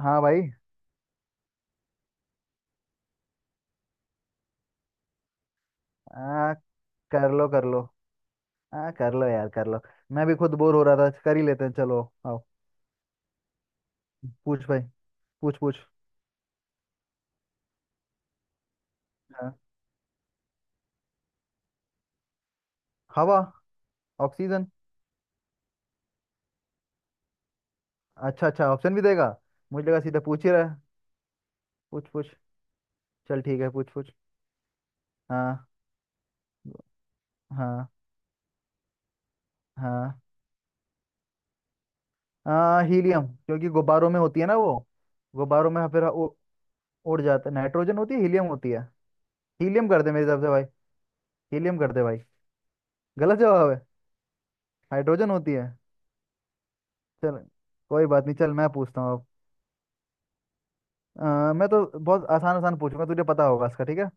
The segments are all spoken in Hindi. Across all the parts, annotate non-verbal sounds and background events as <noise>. हाँ भाई। आ, कर लो कर लो। कर लो यार कर लो। मैं भी खुद बोर हो रहा था कर ही लेते हैं चलो। आओ। पूछ भाई। पूछ पूछ। हाँ। हवा। ऑक्सीजन। अच्छा अच्छा ऑप्शन भी देगा। मुझे लगा सीधा पूछ ही रहा है। पूछ पूछ। चल ठीक है पूछ पूछ। हाँ। हाँ। हाँ। हाँ हीलियम क्योंकि गुब्बारों में होती है ना वो। गुब्बारों में फिर उड़ जाता है नाइट्रोजन होती है हीलियम होती है। हीलियम कर दे मेरी तरफ से भाई। हीलियम कर दे भाई। गलत जवाब है। हाइड्रोजन होती है। चल। कोई बात नहीं चल मैं पूछता हूँ अब। अ, मैं तो बहुत आसान आसान पूछूंगा तुझे पता होगा इसका ठीक है।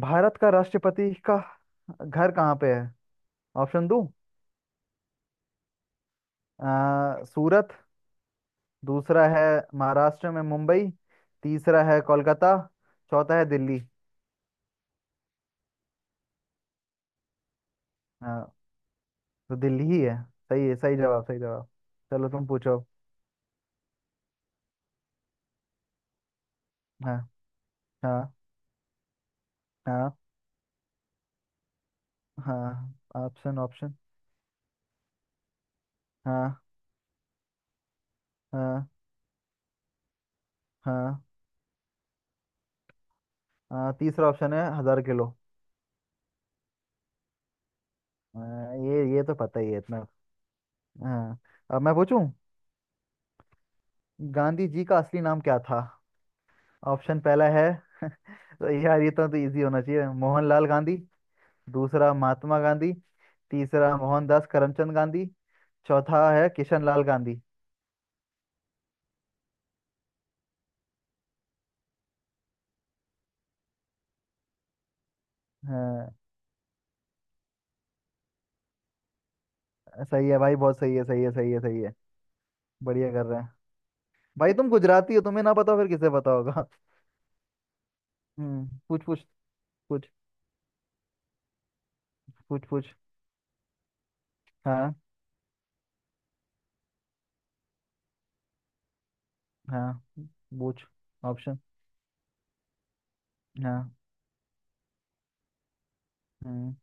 भारत का राष्ट्रपति का घर कहाँ पे है। ऑप्शन दूं। सूरत। दूसरा है महाराष्ट्र में मुंबई। तीसरा है कोलकाता। चौथा है दिल्ली। हाँ। तो दिल्ली ही है। सही है सही जवाब सही जवाब। चलो तुम पूछो। हाँ। हाँ। हाँ। हाँ ऑप्शन ऑप्शन। हाँ। हाँ। हाँ। हाँ। तीसरा ऑप्शन है 1,000 किलो। ये तो पता ही है इतना। हाँ। अब मैं पूछूं। गांधी जी का असली नाम क्या था। ऑप्शन पहला है। <laughs> तो यार ये तो इजी होना चाहिए मोहनलाल गांधी। दूसरा महात्मा गांधी। तीसरा मोहनदास करमचंद गांधी। चौथा है किशन लाल गांधी। हाँ। सही है भाई बहुत सही है सही है सही है सही है। बढ़िया कर रहे हैं। भाई तुम गुजराती हो तुम्हें ना पता हो, फिर किसे पता होगा। पूछ पूछ। पूछ पूछ पूछ। हाँ हाँ पूछ। ऑप्शन। हाँ। हम्म।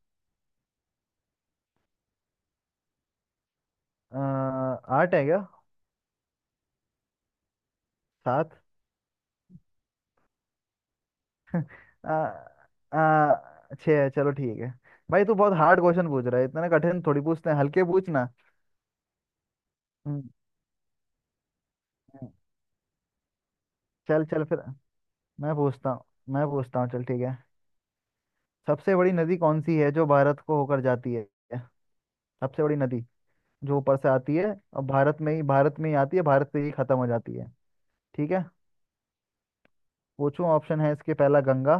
अ, आठ है क्या। सात। आ, आ, छः चलो ठीक है। भाई तू बहुत हार्ड क्वेश्चन पूछ रहा है इतने कठिन थोड़ी पूछते हैं हल्के पूछना। हम्म। हम्म। चल चल फिर। मैं पूछता हूँ। मैं पूछता हूँ चल ठीक है। सबसे बड़ी नदी कौन सी है जो भारत को होकर जाती है। सबसे बड़ी नदी जो ऊपर से आती है और भारत में ही आती है भारत से ही खत्म हो जाती है। ठीक है। पूछूं ऑप्शन है इसके पहला गंगा।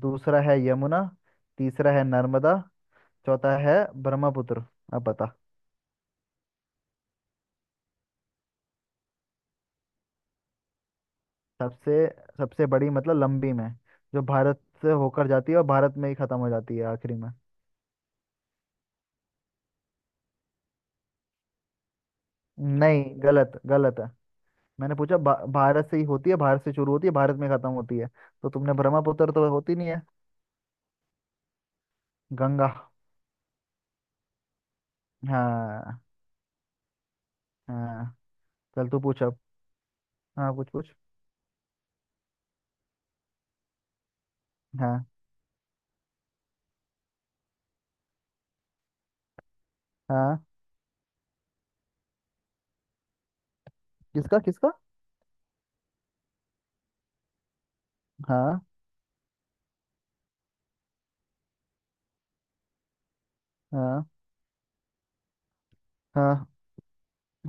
दूसरा है यमुना। तीसरा है नर्मदा। चौथा है ब्रह्मपुत्र। अब बता। सबसे सबसे बड़ी मतलब लंबी में जो भारत से होकर जाती है और भारत में ही खत्म हो जाती है आखिरी में। नहीं गलत गलत है। मैंने पूछा भारत से ही होती है भारत से शुरू होती है भारत में खत्म होती है। तो तुमने ब्रह्मपुत्र तो होती नहीं है। गंगा। हाँ। हाँ। चल तू पूछ अब। हाँ पूछ पूछ। हाँ। हाँ। किसका किसका। हाँ। हाँ। हाँ।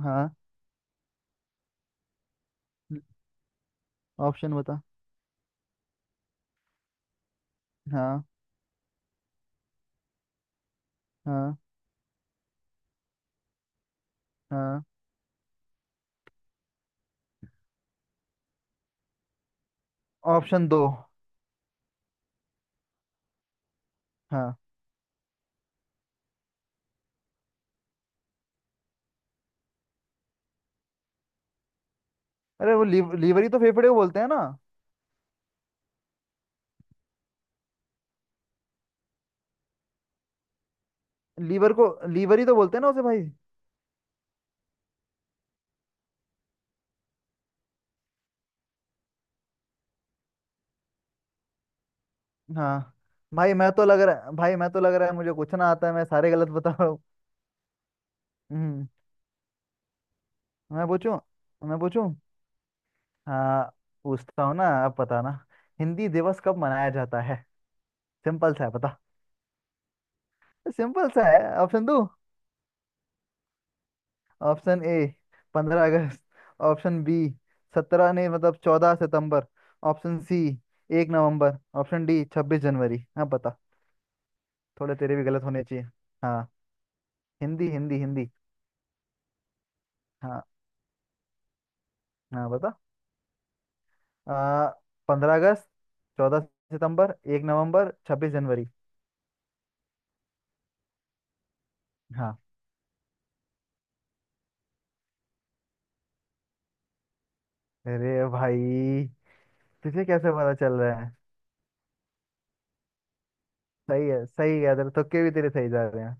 हाँ ऑप्शन बता। हाँ। हाँ। हाँ ऑप्शन दो। हाँ। अरे वो लीवरी तो फेफड़े को बोलते हैं ना। लीवर को लीवर ही तो बोलते हैं ना उसे भाई। हाँ। भाई मैं तो लग रहा है भाई मैं तो लग रहा है मुझे कुछ ना आता है मैं सारे गलत बता रहा हूँ। हम्म, मैं पूछूं। मैं पूछूं। हाँ। पूछता हूँ ना आप बताना। हिंदी दिवस कब मनाया जाता है। सिंपल सा है बता। सिंपल सा है ऑप्शन दो। ऑप्शन ए। 15 अगस्त। Option B. सत्रह नहीं मतलब 14 सितंबर। ऑप्शन सी। 1 नवंबर ऑप्शन डी 26 जनवरी हाँ बता। थोड़े तेरे भी गलत होने चाहिए। हाँ हिंदी हिंदी हिंदी। हाँ। हाँ बता। आ, 15 अगस्त। 14 सितंबर। 1 नवंबर 26 जनवरी हाँ। अरे भाई तुझे कैसे पता चल रहा है। सही है सही है तेरे तुक्के भी तेरे सही जा रहे हैं।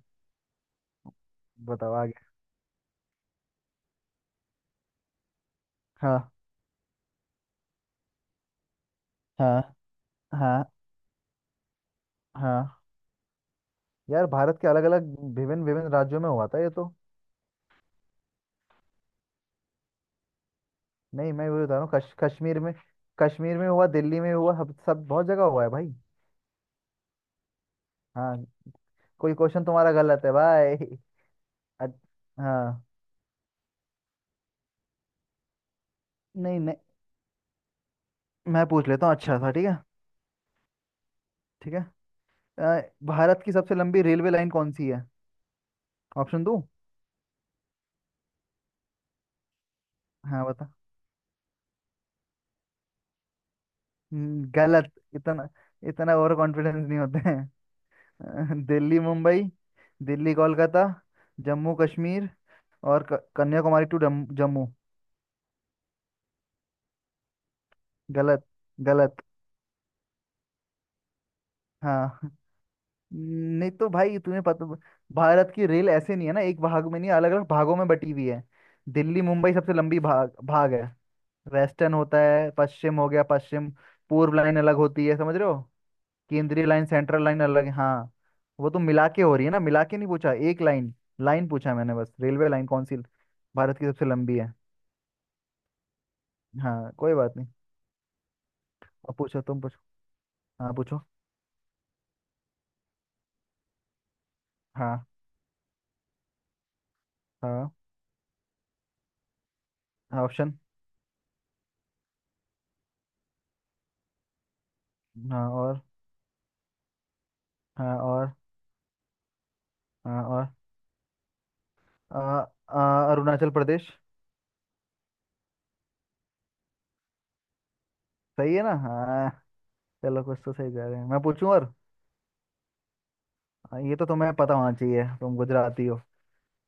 बताओ आगे। हाँ। हाँ। हाँ। हाँ यार भारत के अलग अलग विभिन्न विभिन्न राज्यों में हुआ था ये तो। नहीं मैं वही बता रहा हूँ कश्मीर में। कश्मीर में हुआ दिल्ली में हुआ सब सब बहुत जगह हुआ है भाई। हाँ। कोई क्वेश्चन तुम्हारा गलत है भाई। अच- हाँ नहीं नहीं मैं पूछ लेता हूँ अच्छा सा ठीक है। ठीक है। अ, भारत की सबसे लंबी रेलवे लाइन कौन सी है। ऑप्शन दो। हाँ बता। गलत इतना। इतना ओवर कॉन्फिडेंस नहीं होते हैं। <laughs> दिल्ली मुंबई। दिल्ली कोलकाता। जम्मू कश्मीर। और कन्याकुमारी टू जम्मू जम्मू। गलत। गलत। हाँ। नहीं तो भाई तुम्हें पता भारत की रेल ऐसे नहीं है ना एक भाग में नहीं अलग अलग भागों में बटी हुई है। दिल्ली मुंबई सबसे लंबी भाग भाग है। वेस्टर्न होता है पश्चिम हो गया पश्चिम। पूर्व लाइन अलग होती है समझ रहे हो। केंद्रीय लाइन सेंट्रल लाइन अलग है हाँ। वो तो मिला के हो रही है ना मिला के नहीं पूछा एक लाइन। लाइन पूछा मैंने बस रेलवे लाइन कौन सी। भारत की सबसे लंबी है। हाँ कोई बात नहीं। अब पूछो तुम पूछो। हाँ पूछो। हाँ। हाँ। हाँ ऑप्शन। हाँ और। हाँ और। हाँ और। आ, आ, अरुणाचल प्रदेश। सही है ना हाँ। चलो कुछ तो सही जा रहे हैं मैं पूछूं और। हाँ, ये तो तुम्हें पता होना चाहिए तुम गुजराती हो।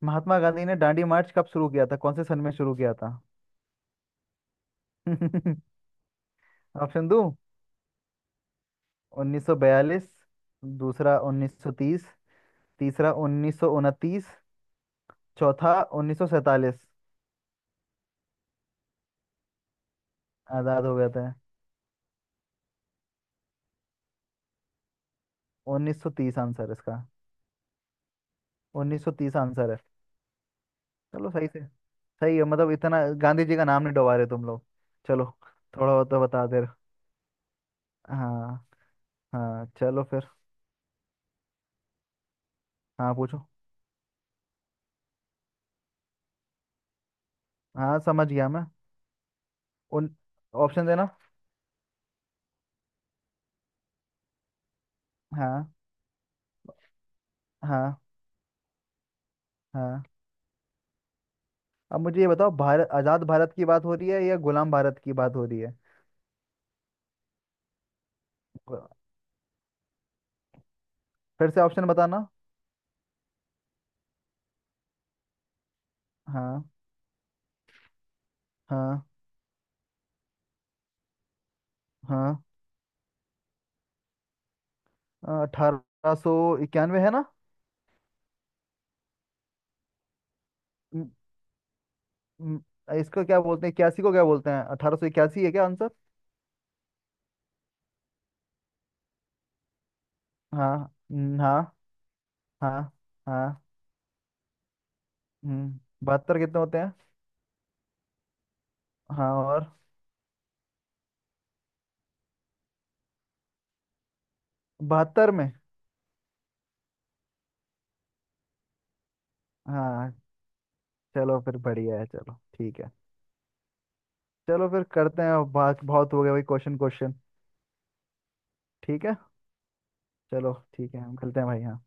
महात्मा गांधी ने दांडी मार्च कब शुरू किया था कौन से सन में शुरू किया था। <laughs> ऑप्शन दूं। 1942। दूसरा 1930। तीसरा 1929। चौथा 1947। आजाद हो गया था। 1930 आंसर इसका। 1930 आंसर है। चलो सही से। सही है मतलब इतना गांधी जी का नाम नहीं डुबा रहे तुम लोग। चलो। थोड़ा बहुत तो बता दे हाँ। हाँ चलो फिर। हाँ पूछो। हाँ। समझ गया मैं। उन ऑप्शन देना। हाँ। हाँ। हाँ। अब मुझे ये बताओ भारत आजाद भारत की बात हो रही है या गुलाम भारत की बात हो रही है। गु- फिर से ऑप्शन बताना। हाँ। हाँ। हाँ। 1891 है ना। म- म- इसको क्या बोलते हैं इक्यासी को क्या बोलते हैं 1881 है क्या आंसर। हाँ हाँ। हाँ। हाँ। बहत्तर कितने होते हैं। हाँ और। 72 में। हाँ। चलो फिर बढ़िया है चलो ठीक है। चलो फिर करते हैं बात बहुत हो गया भाई क्वेश्चन क्वेश्चन। ठीक है। चलो ठीक है हम खेलते हैं भाई हाँ।